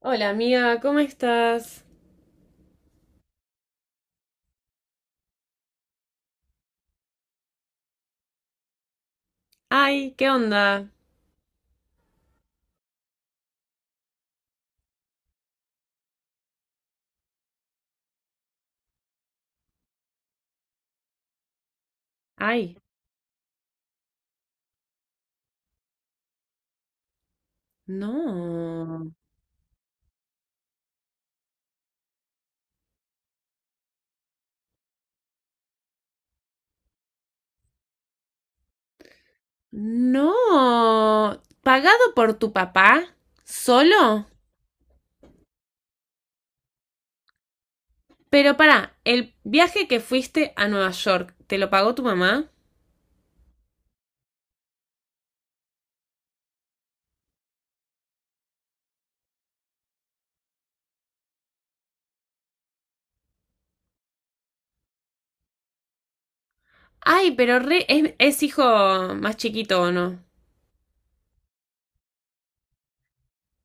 Hola amiga, ¿cómo estás? Ay, ¿qué onda? Ay, no. No. ¿Pagado por tu papá? ¿Solo? Pero pará, el viaje que fuiste a Nueva York, ¿te lo pagó tu mamá? Ay, pero es hijo más chiquito o no.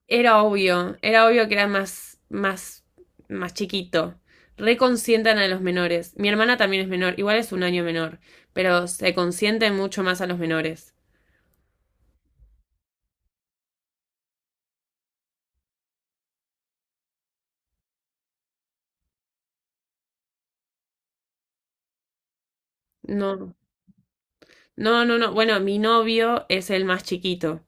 Era obvio que era más chiquito. Reconsientan a los menores. Mi hermana también es menor, igual es un año menor, pero se consienten mucho más a los menores. No, no, no, no. Bueno, mi novio es el más chiquito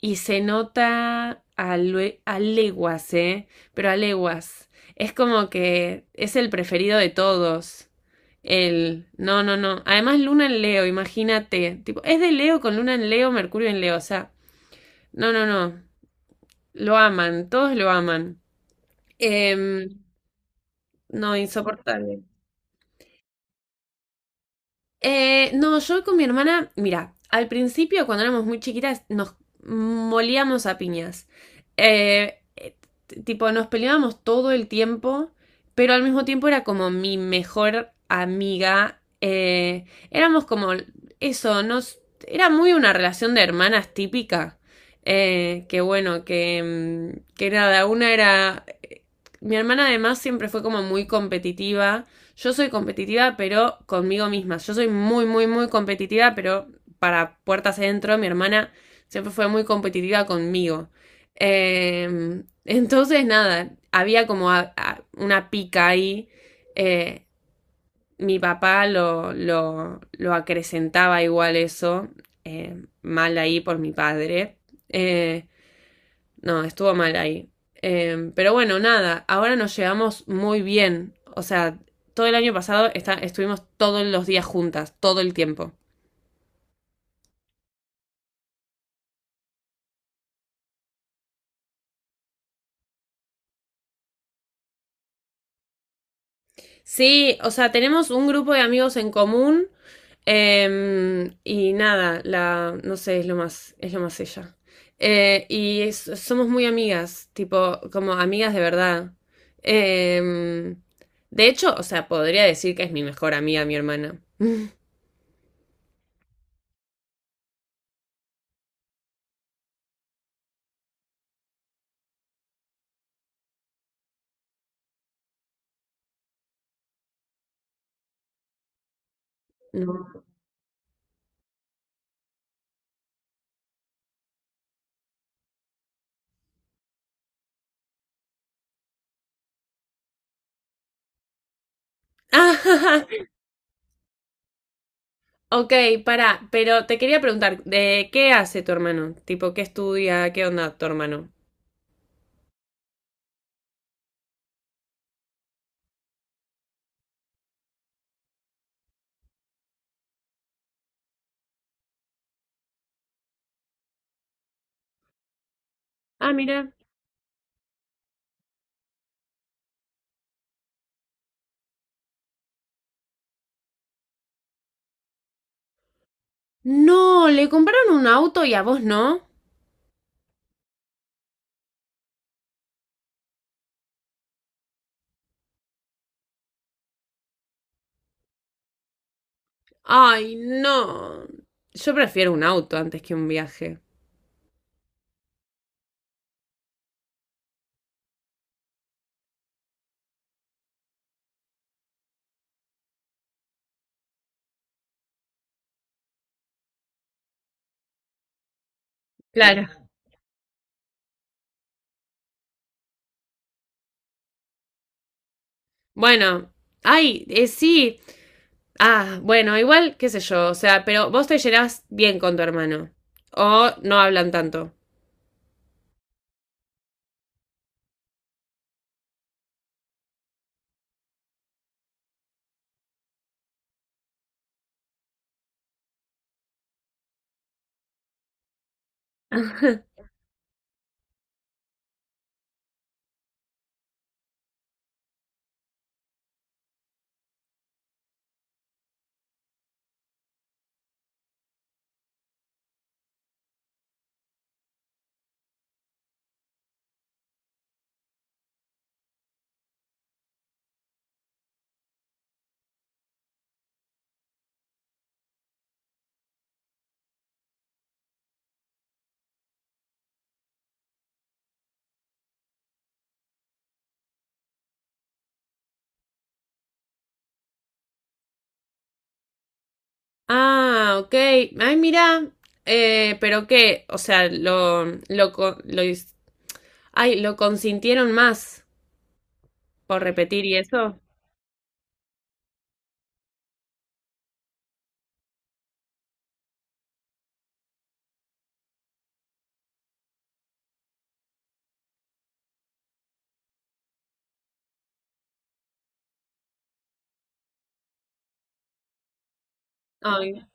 y se nota a leguas, ¿eh? Pero a leguas. Es como que es el preferido de todos. No, no, no. Además, Luna en Leo, imagínate. Tipo, es de Leo con Luna en Leo, Mercurio en Leo. O sea, no, no, no. Lo aman, todos lo aman. Em, no, insoportable. No, yo con mi hermana, mira, al principio cuando éramos muy chiquitas nos molíamos a piñas. Eh, eh, tipo, nos peleábamos todo el tiempo, pero al mismo tiempo era como mi mejor amiga. Éramos como eso, era muy una relación de hermanas típica. Que bueno, que nada, mi hermana además siempre fue como muy competitiva. Yo soy competitiva, pero conmigo misma. Yo soy muy, muy, muy competitiva, pero para puertas adentro, mi hermana siempre fue muy competitiva conmigo. Entonces, nada, había como una pica ahí. eh, Mi papá lo acrecentaba igual eso, mal ahí por mi padre. Eh, no, estuvo mal ahí. Pero bueno, nada, ahora nos llevamos muy bien. O sea, todo el año pasado estuvimos todos los días juntas, todo el tiempo. Sí, o sea, tenemos un grupo de amigos en común. Y nada, no sé, es lo más ella. Y somos muy amigas, tipo, como amigas de verdad. Eh, de hecho, o sea, podría decir que es mi mejor amiga, mi hermana. No. Ok, pará, pero te quería preguntar, ¿de qué hace tu hermano? Tipo, ¿qué estudia? ¿Qué onda tu hermano? Ah, mira. No, le compraron un auto y a vos no. Ay, no. Yo prefiero un auto antes que un viaje. Claro. Bueno, ay, sí. Ah, bueno, igual, qué sé yo, o sea, pero vos te llevas bien con tu hermano. O no hablan tanto. Ah, ok. Ay, mira. Pero qué, o sea. Ay, lo consintieron más por repetir y eso. Ay,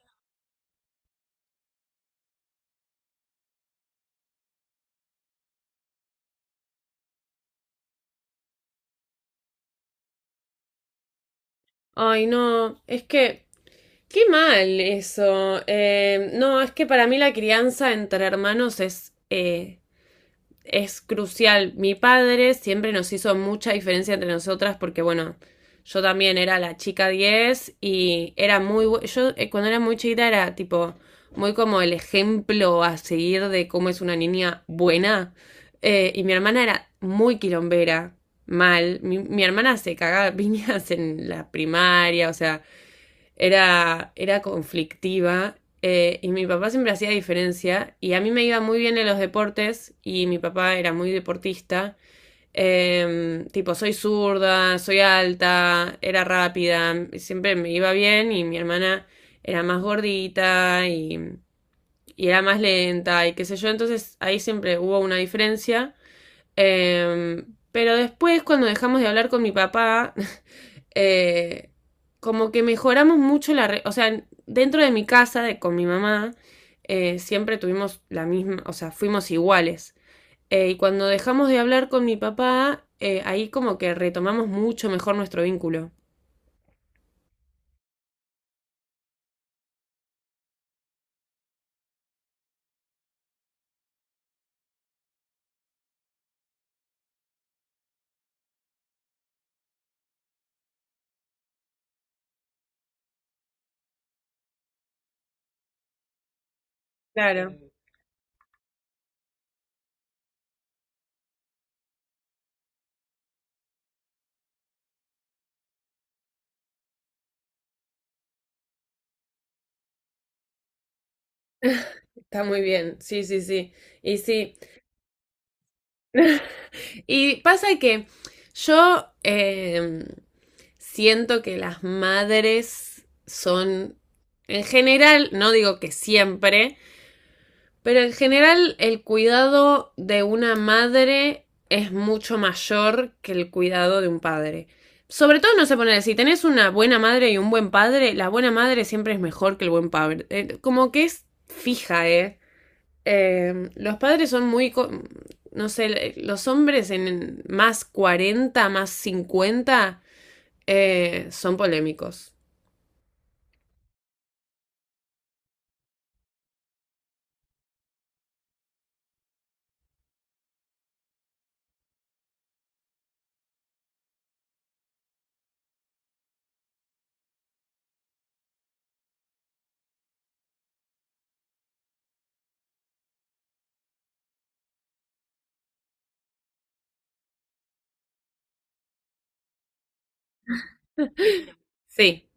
ay, no, es que, qué mal eso. No, es que para mí la crianza entre hermanos es crucial. Mi padre siempre nos hizo mucha diferencia entre nosotras porque, bueno, yo también era la chica 10 y era muy... Yo cuando era muy chiquita era tipo muy como el ejemplo a seguir de cómo es una niña buena. Y mi hermana era muy quilombera, mal. Mi hermana se cagaba a piñas en la primaria, o sea era conflictiva, y mi papá siempre hacía diferencia, y a mí me iba muy bien en los deportes y mi papá era muy deportista. Tipo, soy zurda, soy alta, era rápida, siempre me iba bien y mi hermana era más gordita y era más lenta y qué sé yo, entonces ahí siempre hubo una diferencia, eh, pero después, cuando dejamos de hablar con mi papá, eh, como que mejoramos mucho o sea, dentro de mi casa, con mi mamá, siempre tuvimos la misma, o sea, fuimos iguales. Y cuando dejamos de hablar con mi papá, ahí como que retomamos mucho mejor nuestro vínculo. Claro, está muy bien, sí, sí, sí. Y sí. Y pasa que yo, siento que las madres son, en general, no digo que siempre, pero en general el cuidado de una madre es mucho mayor que el cuidado de un padre. Sobre todo no se pone, si tenés una buena madre y un buen padre, la buena madre siempre es mejor que el buen padre. Como que es fija, ¿eh? Los padres son muy, no sé, los hombres en más 40 más 50, son polémicos. Sí,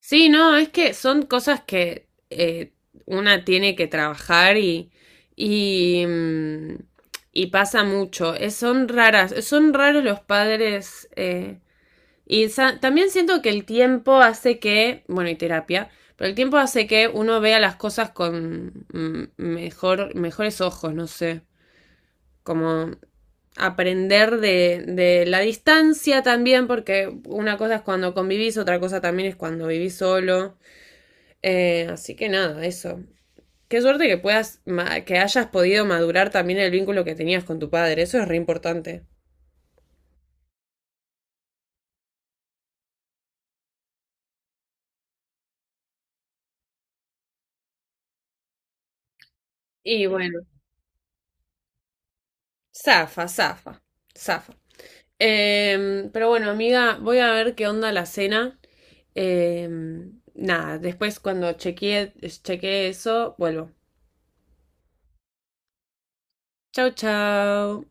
sí, no, es que son cosas que, una tiene que trabajar, y, mm, y pasa mucho. Son raros los padres, y también siento que el tiempo hace que, bueno, y terapia, pero el tiempo hace que uno vea las cosas con mejores ojos, no sé, como aprender de la distancia también, porque una cosa es cuando convivís, otra cosa también es cuando vivís solo. Así que nada, eso. Qué suerte que hayas podido madurar también el vínculo que tenías con tu padre, eso es re importante. Y bueno, zafa, zafa, zafa. Pero bueno, amiga, voy a ver qué onda la cena. Nada, después cuando chequee eso, vuelvo. Chau, chau.